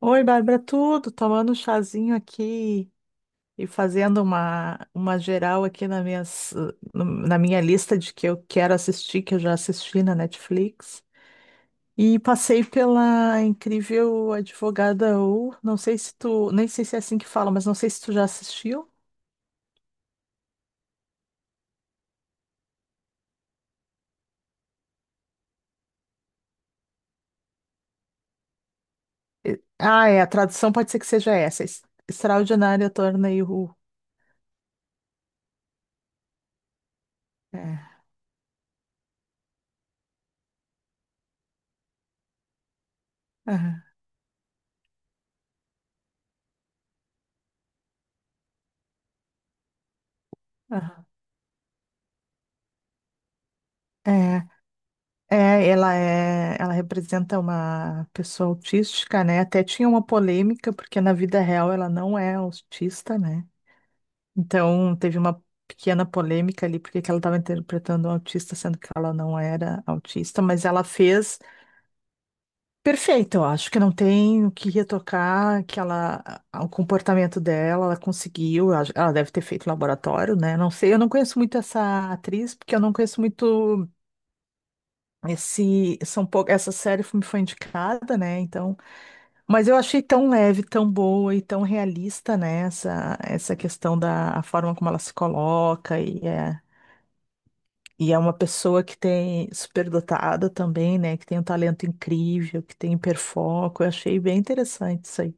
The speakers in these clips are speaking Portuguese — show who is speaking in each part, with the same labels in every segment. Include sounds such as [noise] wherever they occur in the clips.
Speaker 1: Oi, Bárbara, tudo? Tomando um chazinho aqui e fazendo uma geral aqui na, minhas, no- na minha lista de que eu quero assistir, que eu já assisti na Netflix. E passei pela incrível Advogada U. Não sei se tu, nem sei se é assim que fala, mas não sei se tu já assistiu. Ah, é, a tradução pode ser que seja essa. Extraordinária Tornei U. É. Aham, aham. É. É, ela representa uma pessoa autística, né? Até tinha uma polêmica, porque na vida real ela não é autista, né? Então teve uma pequena polêmica ali, porque que ela estava interpretando um autista, sendo que ela não era autista, mas ela fez perfeito, eu acho que não tem o que retocar, que ela, o comportamento dela, ela conseguiu, ela deve ter feito laboratório, né? Não sei, eu não conheço muito essa atriz, porque eu não conheço muito. Essa série me foi indicada, né? Então, mas eu achei tão leve, tão boa e tão realista, né? Essa questão da a forma como ela se coloca e é uma pessoa que tem superdotada também, né? Que tem um talento incrível, que tem hiperfoco. Eu achei bem interessante isso aí.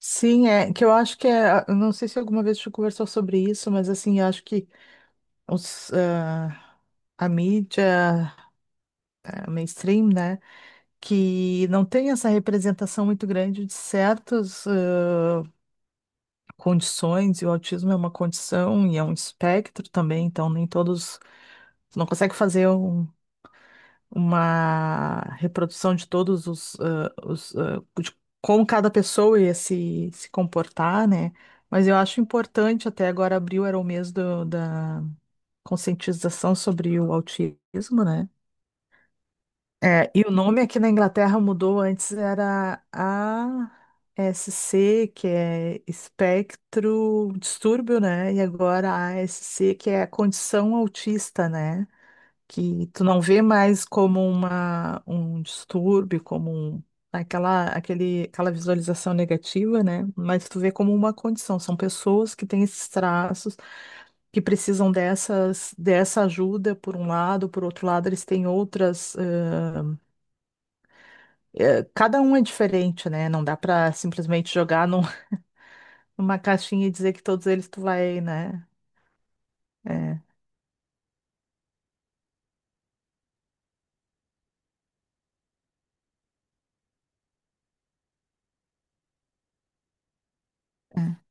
Speaker 1: Sim, é que eu acho que é, eu não sei se alguma vez a gente conversou sobre isso, mas assim, eu acho que os, ah, a mídia, a mainstream, né? Que não tem essa representação muito grande de certas condições, e o autismo é uma condição e é um espectro também, então nem todos. Tu não consegue fazer uma reprodução de todos de como cada pessoa ia se comportar, né? Mas eu acho importante, até agora abril era o mês da conscientização sobre o autismo, né? É, e o nome aqui na Inglaterra mudou, antes era a SC que é espectro distúrbio, né? E agora a SC que é a condição autista, né? Que tu não vê mais como um distúrbio, como aquela visualização negativa, né? Mas tu vê como uma condição. São pessoas que têm esses traços que precisam dessa ajuda, por um lado, por outro lado, eles têm outras é, cada um é diferente, né? Não dá pra simplesmente jogar [laughs] numa caixinha e dizer que todos eles tu vai, né? É, é.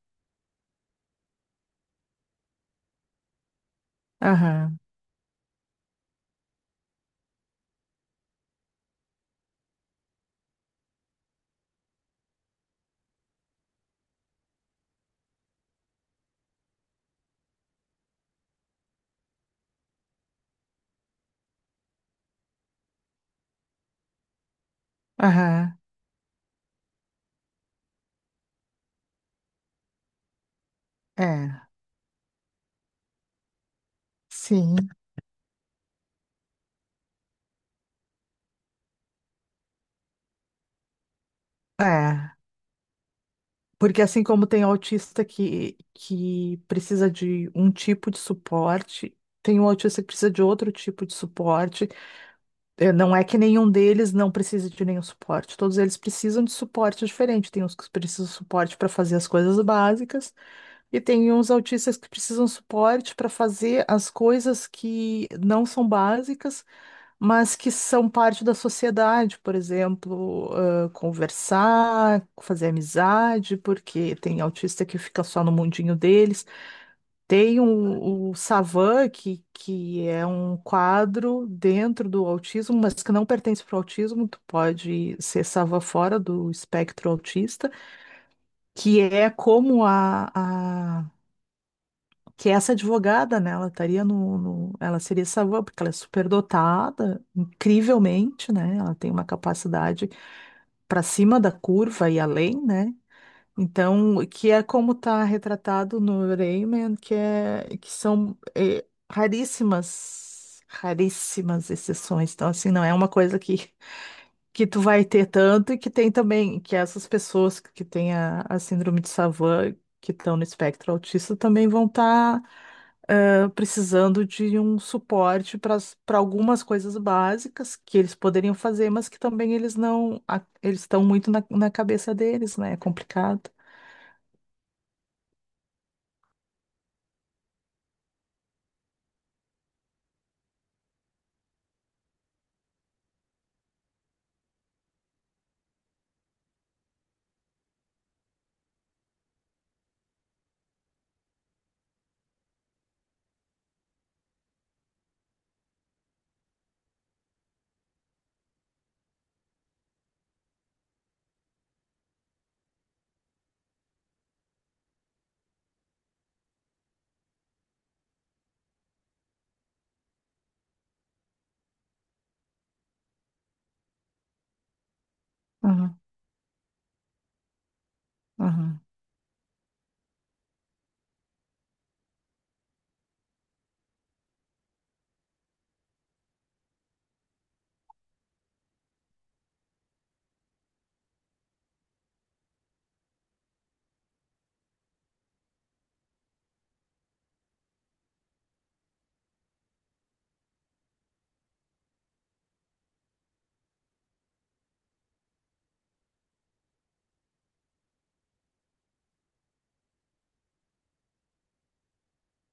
Speaker 1: Aham, aham, é, sim, é. Porque assim como tem autista que precisa de um tipo de suporte, tem um autista que precisa de outro tipo de suporte. É, não é que nenhum deles não precise de nenhum suporte. Todos eles precisam de suporte diferente. Tem uns que precisam de suporte para fazer as coisas básicas. E tem uns autistas que precisam suporte para fazer as coisas que não são básicas, mas que são parte da sociedade, por exemplo, conversar, fazer amizade, porque tem autista que fica só no mundinho deles. Tem o Savan, que é um quadro dentro do autismo, mas que não pertence para o autismo, tu pode ser Savan fora do espectro autista, que é como a que essa advogada, né, ela estaria ela seria savã, porque ela é superdotada, incrivelmente, né, ela tem uma capacidade para cima da curva e além, né, então, que é como está retratado no Rayman, que é, que são raríssimas, raríssimas exceções, então, assim, não é uma coisa que tu vai ter tanto e que tem também, que essas pessoas que têm a síndrome de Savant, que estão no espectro autista, também vão estar precisando de um suporte para algumas coisas básicas que eles poderiam fazer, mas que também eles não, eles estão muito na cabeça deles, né? É complicado. Aham, aham.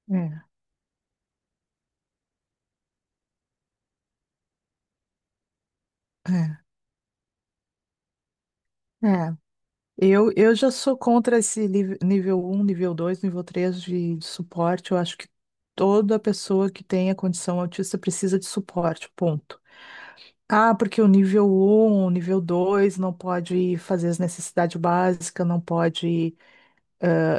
Speaker 1: É, é, é. Eu já sou contra esse nível um nível 2 nível 3 de suporte. Eu acho que toda pessoa que tenha condição autista precisa de suporte, ponto. Ah, porque o nível um o nível 2 não pode fazer as necessidades básicas, não pode,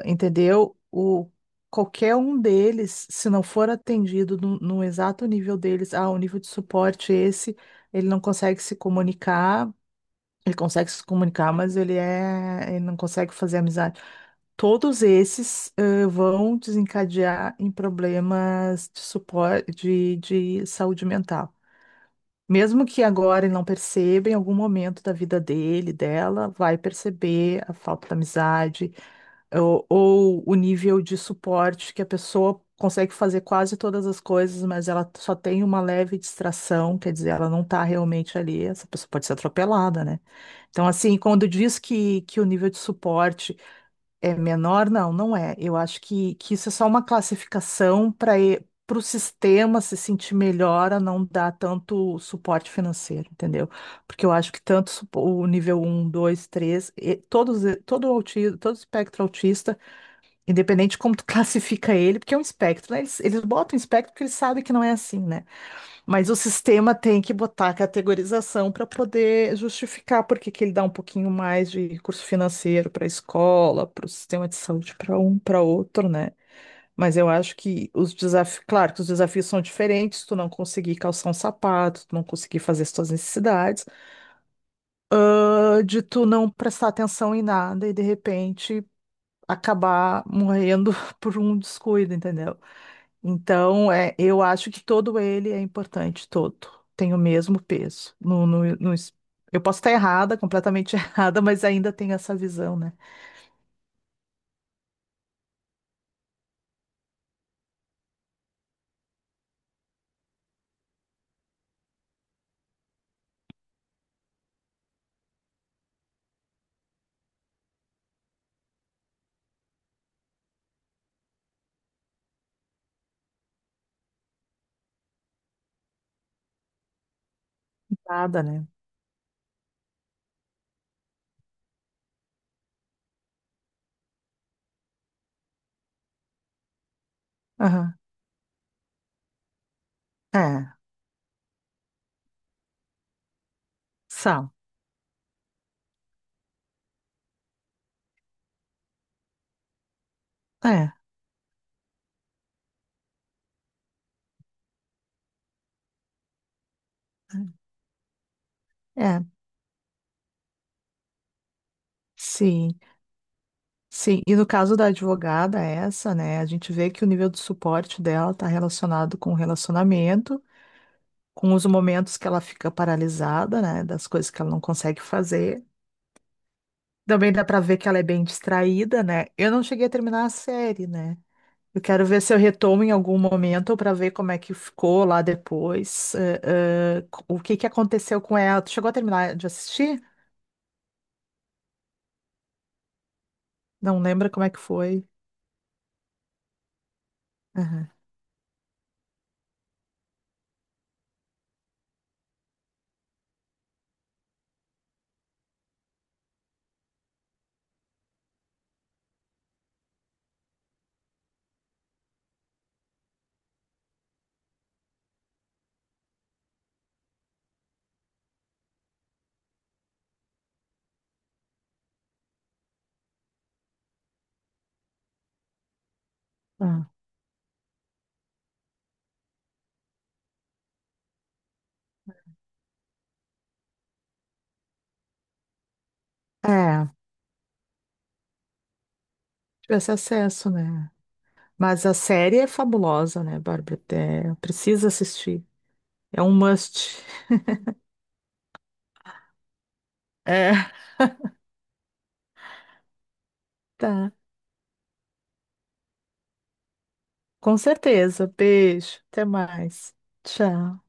Speaker 1: entendeu? Qualquer um deles, se não for atendido no exato nível deles, o nível de suporte é esse, ele não consegue se comunicar, ele consegue se comunicar, mas ele não consegue fazer amizade. Todos esses vão desencadear em problemas de suporte, de saúde mental. Mesmo que agora ele não perceba, em algum momento da vida dele, dela, vai perceber a falta da amizade, ou o nível de suporte que a pessoa consegue fazer quase todas as coisas, mas ela só tem uma leve distração, quer dizer, ela não está realmente ali, essa pessoa pode ser atropelada, né? Então, assim, quando diz que o nível de suporte é menor, não, não é. Eu acho que isso é só uma classificação para o sistema se sentir melhor a não dar tanto suporte financeiro, entendeu? Porque eu acho que tanto o nível um, 2, 3, e todos, todo autismo, todo espectro autista, independente de como tu [laughs] classifica ele, porque é um espectro, né? Eles botam espectro porque eles sabem que não é assim, né? Mas o sistema tem que botar a categorização para poder justificar por que que ele dá um pouquinho mais de recurso financeiro para a escola, para o sistema de saúde, para um, para outro, né? Mas eu acho que os desafios, claro que os desafios são diferentes, tu não conseguir calçar um sapato, tu não conseguir fazer as tuas necessidades, de tu não prestar atenção em nada e de repente acabar morrendo [laughs] por um descuido, entendeu? Então, é, eu acho que todo ele é importante, todo. Tem o mesmo peso. No, no, no es- eu posso estar errada, completamente [laughs] errada, mas ainda tenho essa visão, né? Nada, né? Aham. É, são. É, é. É. Sim, sim. E no caso da advogada, é essa, né? A gente vê que o nível de suporte dela está relacionado com o relacionamento, com os momentos que ela fica paralisada, né? Das coisas que ela não consegue fazer. Também dá pra ver que ela é bem distraída, né? Eu não cheguei a terminar a série, né? Eu quero ver se eu retomo em algum momento pra ver como é que ficou lá depois, o que que aconteceu com ela. Tu chegou a terminar de assistir? Não lembra como é que foi? Aham. Ah. É, tivesse acesso, né? Mas a série é fabulosa, né, Bárbara? É, precisa assistir. É um must. É, tá. Com certeza. Beijo. Até mais. Tchau.